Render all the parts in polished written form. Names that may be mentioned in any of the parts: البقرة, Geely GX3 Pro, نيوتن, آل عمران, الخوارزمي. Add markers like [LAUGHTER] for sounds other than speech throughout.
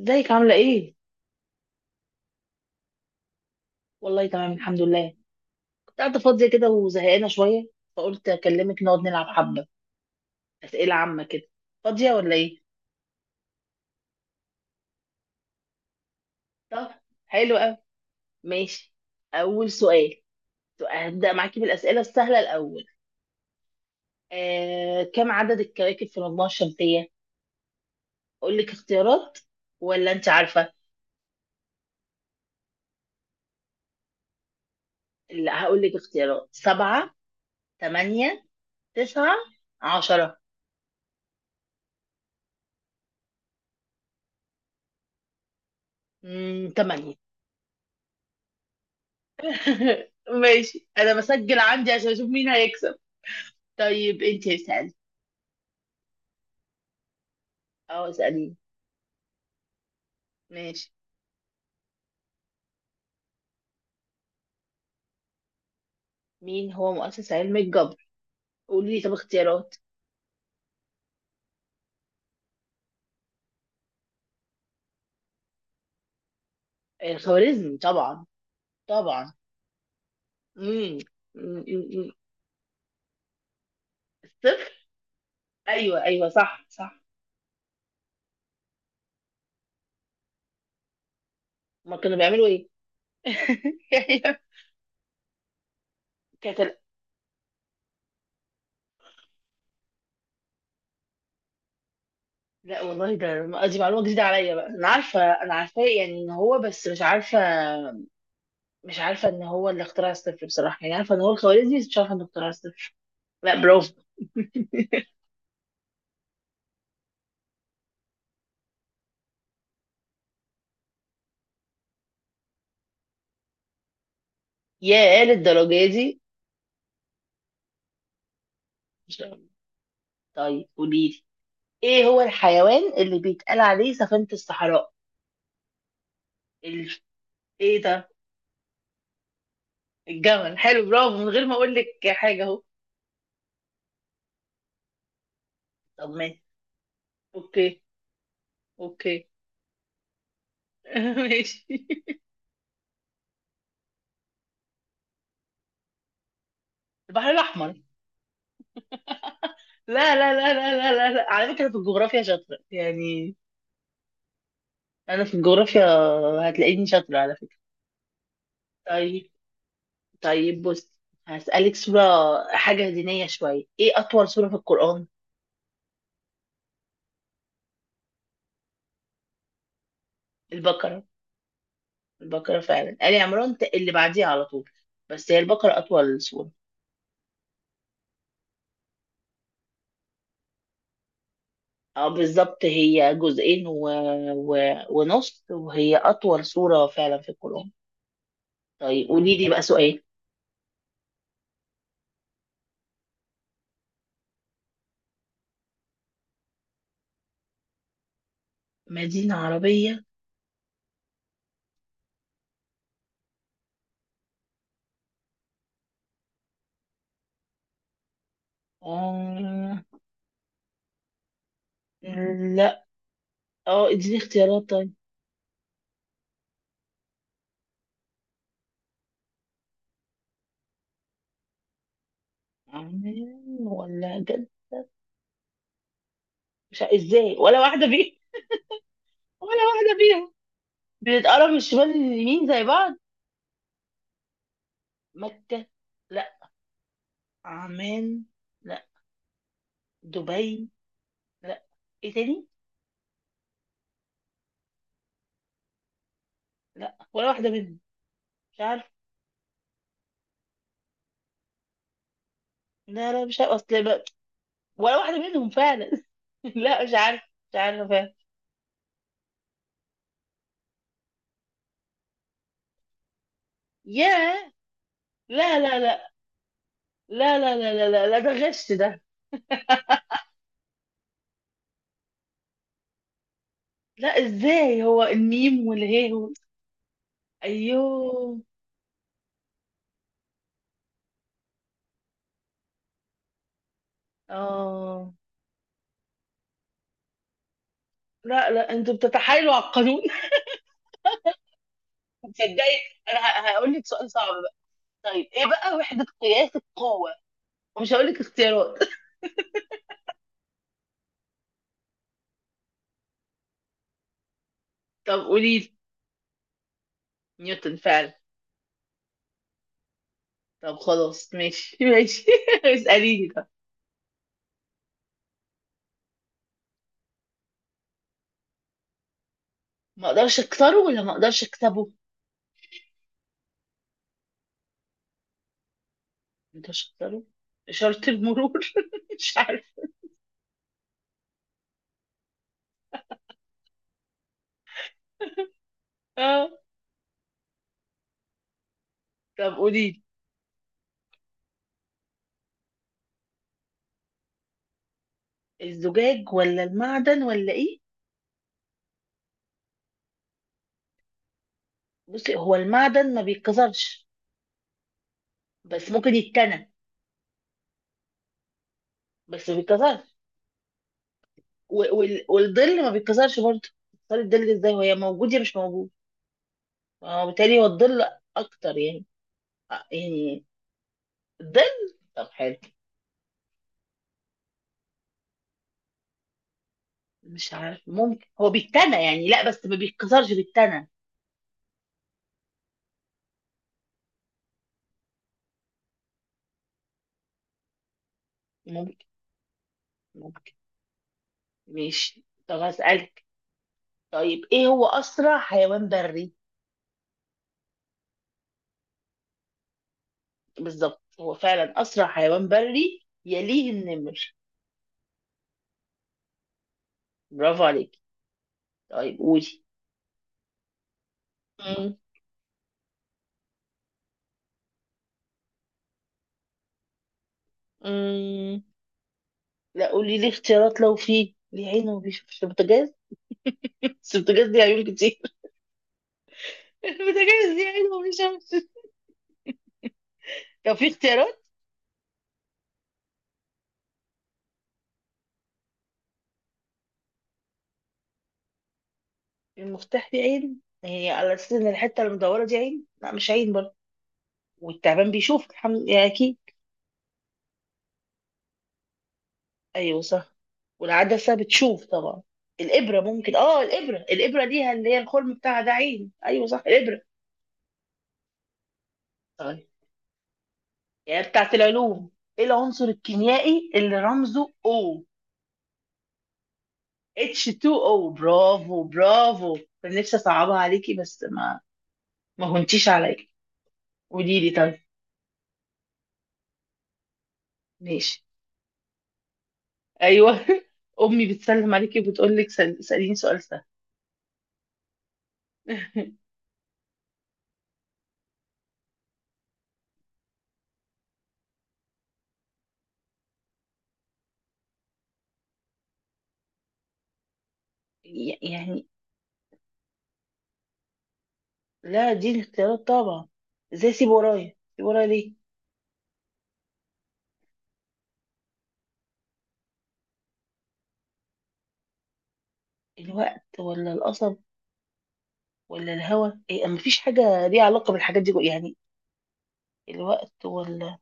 ازيك عاملة ايه؟ والله تمام الحمد لله. كنت قاعدة فاضية كده وزهقانة شوية، فقلت اكلمك نقعد نلعب حبة أسئلة عامة كده. فاضية ولا ايه؟ طب، حلو قوي. ماشي. أول سؤال، هبدأ معاكي بالأسئلة السهلة الأول. كم عدد الكواكب في المجموعة الشمسية؟ أقول لك اختيارات ولا أنت عارفة؟ لا، هقول لك اختيارات: سبعة، تمانية، تسعة، 10. تمانية. [LAUGHS] ماشي، أنا بسجل عندي عشان أشوف مين هيكسب. طيب انتي اسألي. اه اسألي. ماشي. مين هو مؤسس علم الجبر؟ قولي لي طب اختيارات. الخوارزمي طبعا، طبعا. امم صفر. ايوه ايوه، صح صح. ما كانوا بيعملوا ايه؟ [LAUGHS] يعني كانت ال- لا والله، ده دي معلومة جديدة عليا بقى. انا عارفة، انا عارفاه يعني ان هو، بس مش عارفة. مش عارفة ان هو اللي اخترع الصفر بصراحة، يعني عارفة ان هو الخوارزمي بس مش عارفة انه اخترع الصفر. لا، برافو. [LAUGHS] ياه، للدرجة دي! مش- طيب قولي لي، ايه هو الحيوان اللي بيتقال عليه سفينة الصحراء؟ ال... ايه ده؟ الجمل، حلو، برافو من غير ما اقول لك حاجة اهو. طب ماشي. اوكي اوكي. [LAUGHS] ماشي. البحر الاحمر. لا لا لا لا لا لا، لا. على فكرة في الجغرافيا شاطرة يعني، انا في الجغرافيا هتلاقيني شاطرة على فكرة. طيب. طيب بص، هسألك سورة، حاجة دينية شوية. ايه اطول سورة في القرآن؟ البقرة. البقرة فعلا، آل عمران اللي بعديها على طول، بس هي البقرة اطول سورة. اه بالظبط، هي جزئين و... ونص، وهي أطول سورة فعلا في القرآن. طيب قولي لي بقى سؤال. مدينة عربية. آه... لا، اه اديني اختيارات طيب. عمان ولا جد، مش ع- ازاي ولا واحدة فيهم؟ ولا واحدة فيهم، بنتقرب من الشمال لليمين زي بعض. مكة، لا. عمان، لا. دبي، لا. ايه تاني؟ لا، ولا واحدة منهم. مش عارف. لا لا، مش عارف، ولا واحدة منهم فعلا. [LAUGHS] لا مش عارف. مش عارفة. ياه. لا لا لا لا لا لا لا لا، لا ده غش ده. لا، ازاي؟ هو الميم والهي ايوه. اه، لا لا انتوا بتتحايلوا على القانون. [LAUGHS] تصدقي، انا هقول لك سؤال صعب بقى. طيب ايه بقى وحدة قياس القوة؟ ومش هقول لك اختيارات. [LAUGHS] طب قولي لي. نيوتن فعلا. طب خلاص ماشي. [LAUGHS] ماشي، اسأليني بقى. ما اقدرش اكسره ولا ما اقدرش اكسبه؟ ما اقدرش اكسره. إشارة المرور. [LAUGHS] مش عارفة. طب قولي لي، الزجاج ولا المعدن ولا ايه؟ بصي، هو المعدن ما بيتكسرش بس ممكن يتكنى، بس ما بيتكسرش. والظل ما بيتكسرش برضه، تكسري الظل ازاي وهي موجود يا مش موجود. اه بالتالي هو الظل اكتر يعني. يعني الظل، طب حلو. مش عارف ممكن هو بيتنى يعني، لا بس ما بيتكسرش بيتنى. ممكن، ممكن. ماشي. طب هسألك، طيب ايه هو اسرع حيوان بري؟ بالظبط، هو فعلا أسرع حيوان بري، يليه النمر. برافو عليك. طيب قولي. مم. مم. لا قولي لي اختيارات، لو في. ليه عين وما بيشوفش؟ البوتاجاز، بس البوتاجاز ليه عيون كتير. [LAUGHS] البوتاجاز ليه عين وما بيشوفش. لو في اختيارات. المفتاح ليه عين، هي على أساس إن الحتة المدورة دي عين، لا مش عين برضه. والتعبان بيشوف الحمد لله أكيد. أيوه صح. والعدسة بتشوف طبعا. الإبرة ممكن، الإبرة ليها اللي هي الخرم بتاعها، ده عين، أيوه صح الإبرة. طيب، يعني بتاعت العلوم. ايه العنصر الكيميائي اللي رمزه O؟ H2O، برافو برافو! كان نفسي اصعبها عليكي بس ما، ما هونتيش عليا. قولي لي طيب. ماشي. ايوه. [LAUGHS] امي بتسلم عليكي وبتقول لك سأليني سؤال سهل. [LAUGHS] يعني. لا دي الاختيارات طبعا. ازاي اسيب ورايا، اسيب ورايا ليه؟ الوقت ولا القصب ولا الهوا، ايه؟ ما فيش حاجه ليها علاقه بالحاجات دي، يعني الوقت ولا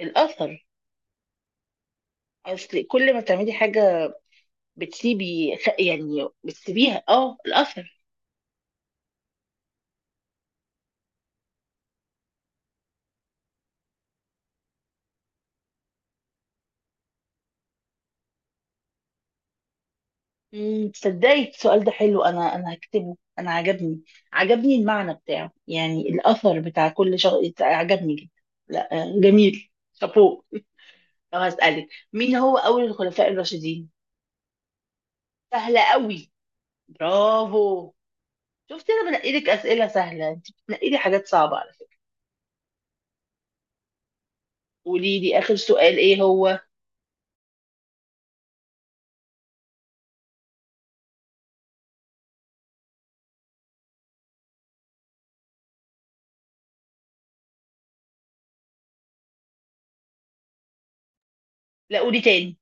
الاثر. اصل كل ما تعملي حاجه، بتسيبي يعني بتسيبيها، اه الاثر. امم، تصدقي السؤال ده حلو، انا هكتبه. انا عجبني، عجبني المعنى بتاعه، يعني الاثر بتاع كل شخص. عجبني جدا. لا جميل شابوه. لو هسألك، مين هو اول الخلفاء الراشدين؟ سهلة قوي. برافو. شفتي؟ انا بنقي لك اسئله سهله، انت بتنقي لي حاجات صعبه على فكره. قولي لي اخر سؤال ايه هو. لا قولي تاني.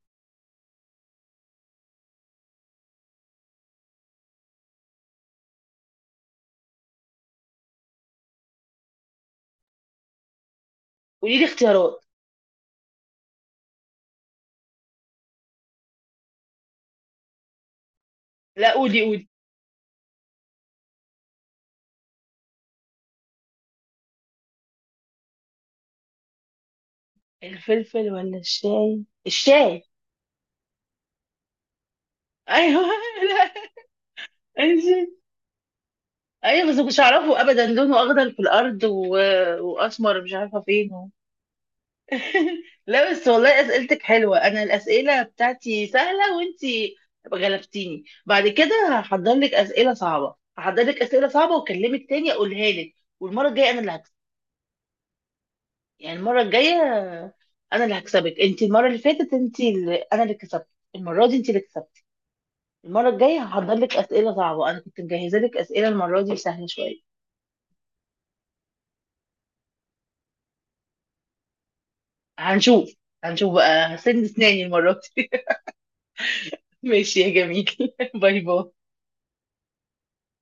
قولي لي اختيارات. لا قولي قولي. الفلفل ولا الشاي؟ الشاي. ايوه لا. انزل. ايوه بس ما كنتش اعرفه ابدا، لونه اخضر في الارض واسمر مش عارفه فين [LAUGHS] لا بس والله اسئلتك حلوه، انا الاسئله بتاعتي سهله وانتي غلبتيني. بعد كده هحضر لك اسئله صعبه، هحضر لك اسئله صعبه واكلمك تاني اقولها لك. والمره الجايه انا اللي هكسب. يعني المره الجايه انا اللي هكسبك انت. المره اللي فاتت انت اللي... انا اللي كسبت. المره دي انت اللي كسبت. المره الجايه هحضر لك اسئله صعبه، انا كنت مجهزه لك اسئله المره دي سهله شويه. هنشوف، هنشوف بقى، هسن اسناني المرة دي. [LAUGHS] ماشي يا جميل. [LAUGHS] باي باي.